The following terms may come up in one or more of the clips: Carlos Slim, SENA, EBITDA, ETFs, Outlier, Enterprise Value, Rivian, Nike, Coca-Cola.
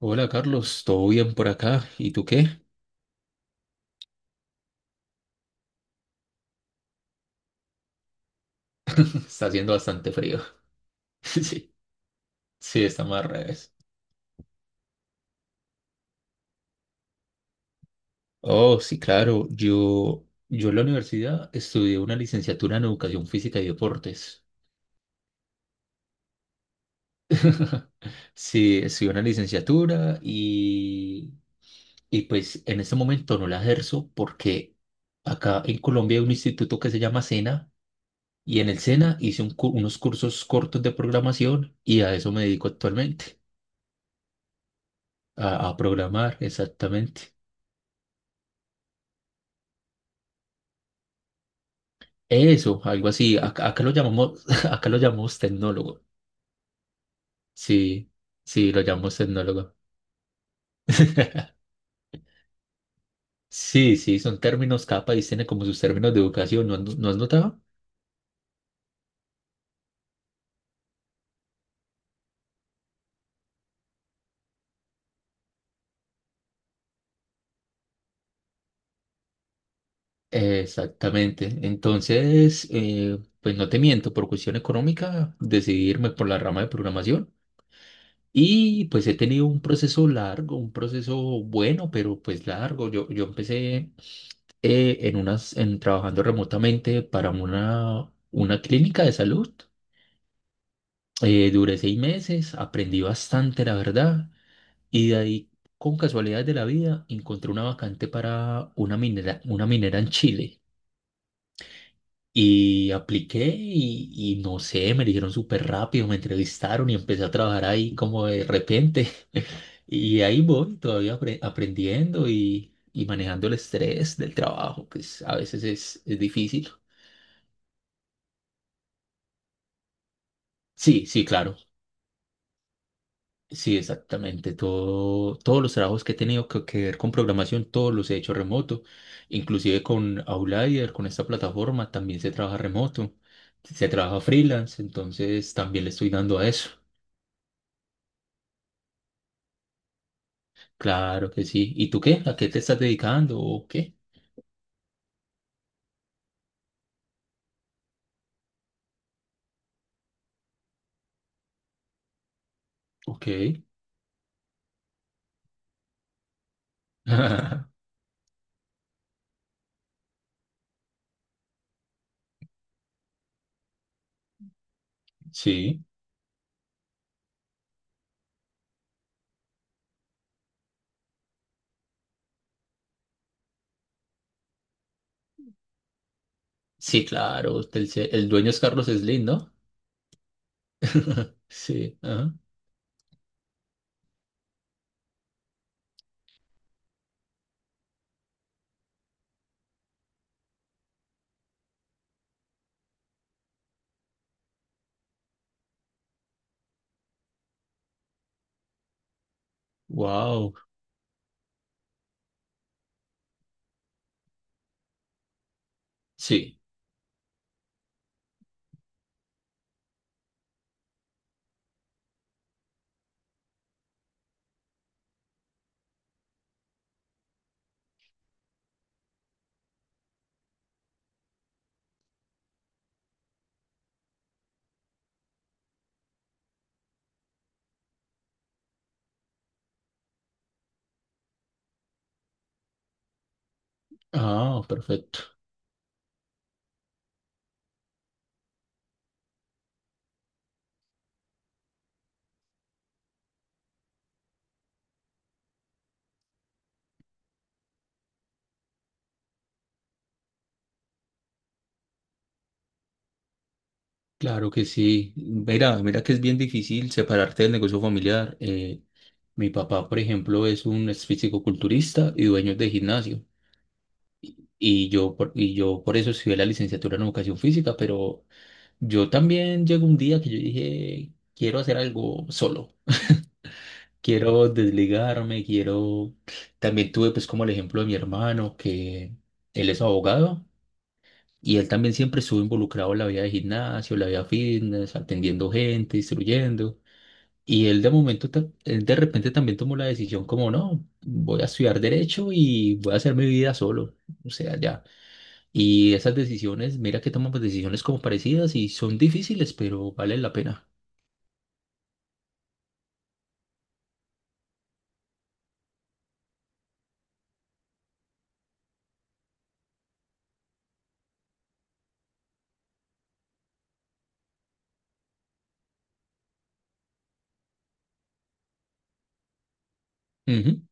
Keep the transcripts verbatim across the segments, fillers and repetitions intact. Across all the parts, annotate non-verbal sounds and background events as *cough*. Hola Carlos, ¿todo bien por acá? ¿Y tú qué? *laughs* Está haciendo bastante frío. *laughs* Sí, sí, está más al revés. Oh, sí, claro. Yo, yo en la universidad estudié una licenciatura en educación física y deportes. *laughs* Sí, estudié una licenciatura y, y pues en este momento no la ejerzo porque acá en Colombia hay un instituto que se llama SENA y en el SENA hice un cu- unos cursos cortos de programación y a eso me dedico actualmente, a a programar exactamente. Eso, algo así. Acá, acá lo llamamos, *laughs* acá lo llamamos tecnólogo. Sí, sí, lo llamamos tecnólogo. *laughs* Sí, sí, son términos, cada país tiene como sus términos de educación, ¿no, has no no has notado? Exactamente. Entonces, eh, pues no te miento, por cuestión económica decidí irme por la rama de programación y pues he tenido un proceso largo, un proceso bueno, pero pues largo. Yo, yo empecé eh, en unas, en trabajando remotamente para una, una clínica de salud. Eh, duré seis meses, aprendí bastante, la verdad, y de ahí, con casualidades de la vida, encontré una vacante para una minera, una minera en Chile. Y apliqué y, y no sé, me dijeron súper rápido, me entrevistaron y empecé a trabajar ahí como de repente. *laughs* Y ahí voy, todavía apre- aprendiendo y, y manejando el estrés del trabajo, que es- a veces es, es difícil. Sí, sí, claro. Sí, exactamente. Todo, todos los trabajos que he tenido que, que ver con programación, todos los he hecho remoto. Inclusive con Outlier, con esta plataforma, también se trabaja remoto. Se trabaja freelance, entonces también le estoy dando a eso. Claro que sí. ¿Y tú qué? ¿A qué te estás dedicando? ¿O qué? Ok. *laughs* Sí. Sí, claro. El, se- el dueño es Carlos Slim, ¿no? Sí. Ajá. Wow. Sí. Ah, perfecto. Claro que sí. Mira, mira que es bien difícil separarte del negocio familiar. Eh, mi papá, por ejemplo, es un ex fisicoculturista y dueño de gimnasio. Y yo, por, y yo por eso estudié la licenciatura en educación física, pero yo también llegó un día que yo dije, quiero hacer algo solo. Quiero desligarme, quiero... También tuve pues como el ejemplo de mi hermano, que él es abogado. Y él también siempre estuvo involucrado en la vida de gimnasio, la vida fitness, atendiendo gente, instruyendo. Y él de momento, ta- él de repente también tomó la decisión como, no, voy a estudiar derecho y voy a hacer mi vida solo. O sea, ya. Y esas decisiones, mira que toman pues, decisiones como parecidas y son difíciles, pero valen la pena. Ujú,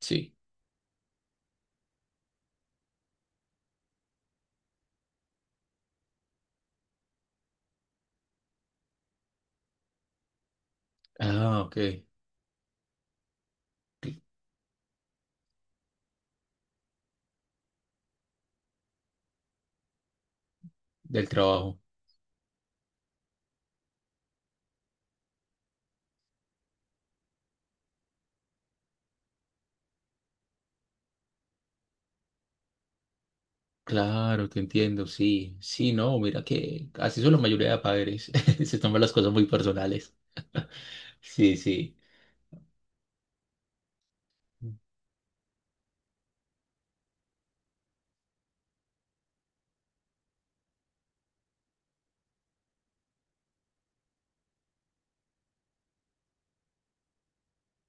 sí. Ah, ok. Del trabajo. Claro, te entiendo. Sí, sí, no, mira que así son la mayoría de padres. *laughs* Se toman las cosas muy personales. *laughs* Sí, sí.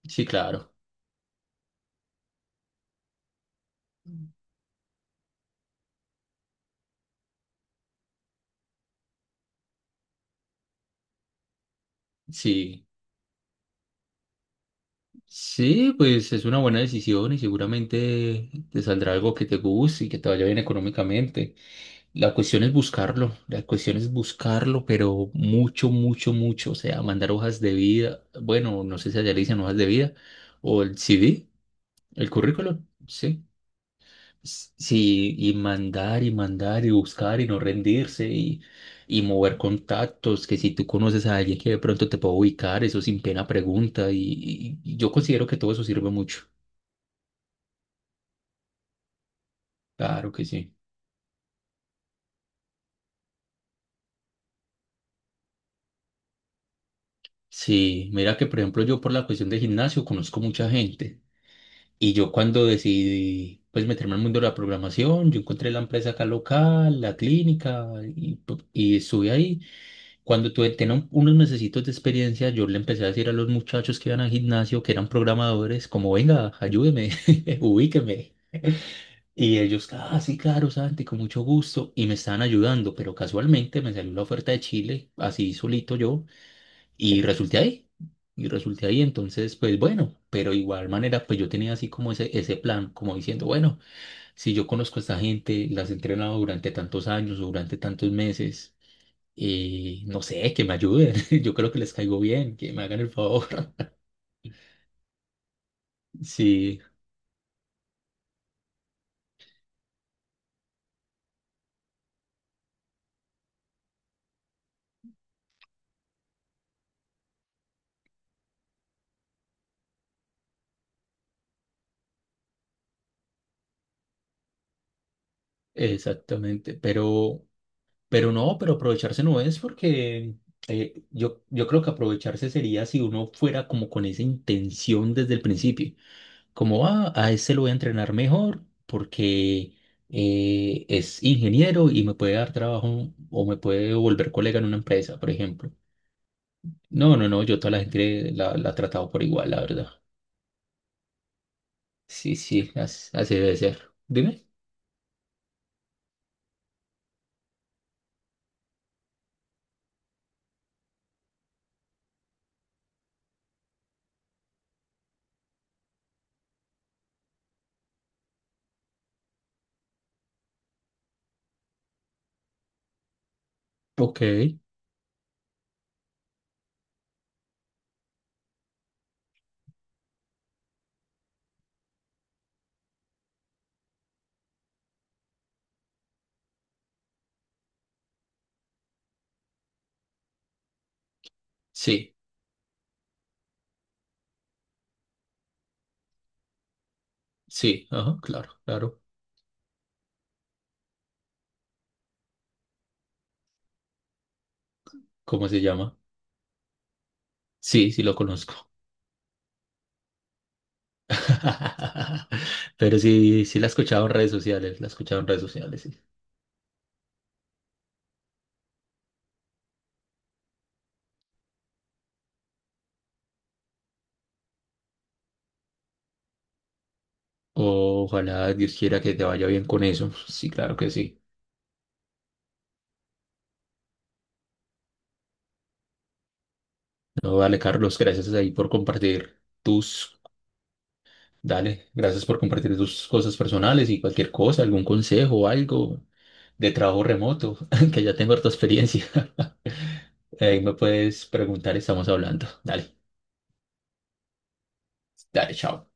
Sí, claro. Sí. Sí, pues es una buena decisión y seguramente te saldrá algo que te guste y que te vaya bien económicamente. La cuestión es buscarlo, la cuestión es buscarlo, pero mucho, mucho, mucho. O sea, mandar hojas de vida. Bueno, no sé si allá le dicen hojas de vida o el C V, el currículum, sí. Sí, y mandar y mandar y buscar y no rendirse y, y mover contactos, que si tú conoces a alguien que de pronto te puede ubicar, eso sin pena pregunta y, y- y yo considero que todo eso sirve mucho. Claro que sí. Sí, mira que por ejemplo yo por la cuestión de gimnasio conozco mucha gente y yo cuando decidí pues meterme al mundo de la programación, yo encontré la empresa acá local, la clínica y, pu- y estuve ahí. Cuando tuve, tenía un- unos mesecitos de experiencia, yo le empecé a decir a los muchachos que iban al gimnasio, que eran programadores, como, venga, ayúdeme, *laughs* ubíqueme. Y ellos, ah, sí, claro, Santi, con mucho gusto. Y me estaban ayudando, pero casualmente me salió la oferta de Chile, así solito yo, y resulté ahí. Y resulté ahí, entonces, pues bueno, pero igual manera, pues yo tenía así como ese, ese plan, como diciendo, bueno, si yo conozco a esta gente, las he entrenado durante tantos años, durante tantos meses. Y no sé, que me ayuden. *laughs* Yo creo que les caigo bien, que me hagan el favor. *laughs* Sí, exactamente. Pero, pero no, pero aprovecharse no es porque eh, yo, yo creo que aprovecharse sería si uno fuera como con esa intención desde el principio. Como, ah, a ese lo voy a entrenar mejor porque eh, es ingeniero y me puede dar trabajo o me puede volver colega en una empresa, por ejemplo. No, no, no, yo toda la gente la, la he tratado por igual, la verdad. Sí, sí, as- así, debe ser. Dime. Ok. Sí, sí, ajá, claro, claro. ¿Cómo se llama? Sí, sí lo conozco. *laughs* Pero sí, sí la he escuchado en redes sociales, la he escuchado en redes sociales, sí. Ojalá Dios quiera que te vaya bien con eso. Sí, claro que sí. No, vale, Carlos, gracias ahí por compartir tus, dale, gracias por compartir tus cosas personales y cualquier cosa, algún consejo o algo de trabajo remoto, *laughs* que ya tengo harta experiencia. *laughs* Ahí me puedes preguntar, estamos hablando. Dale, dale, chao.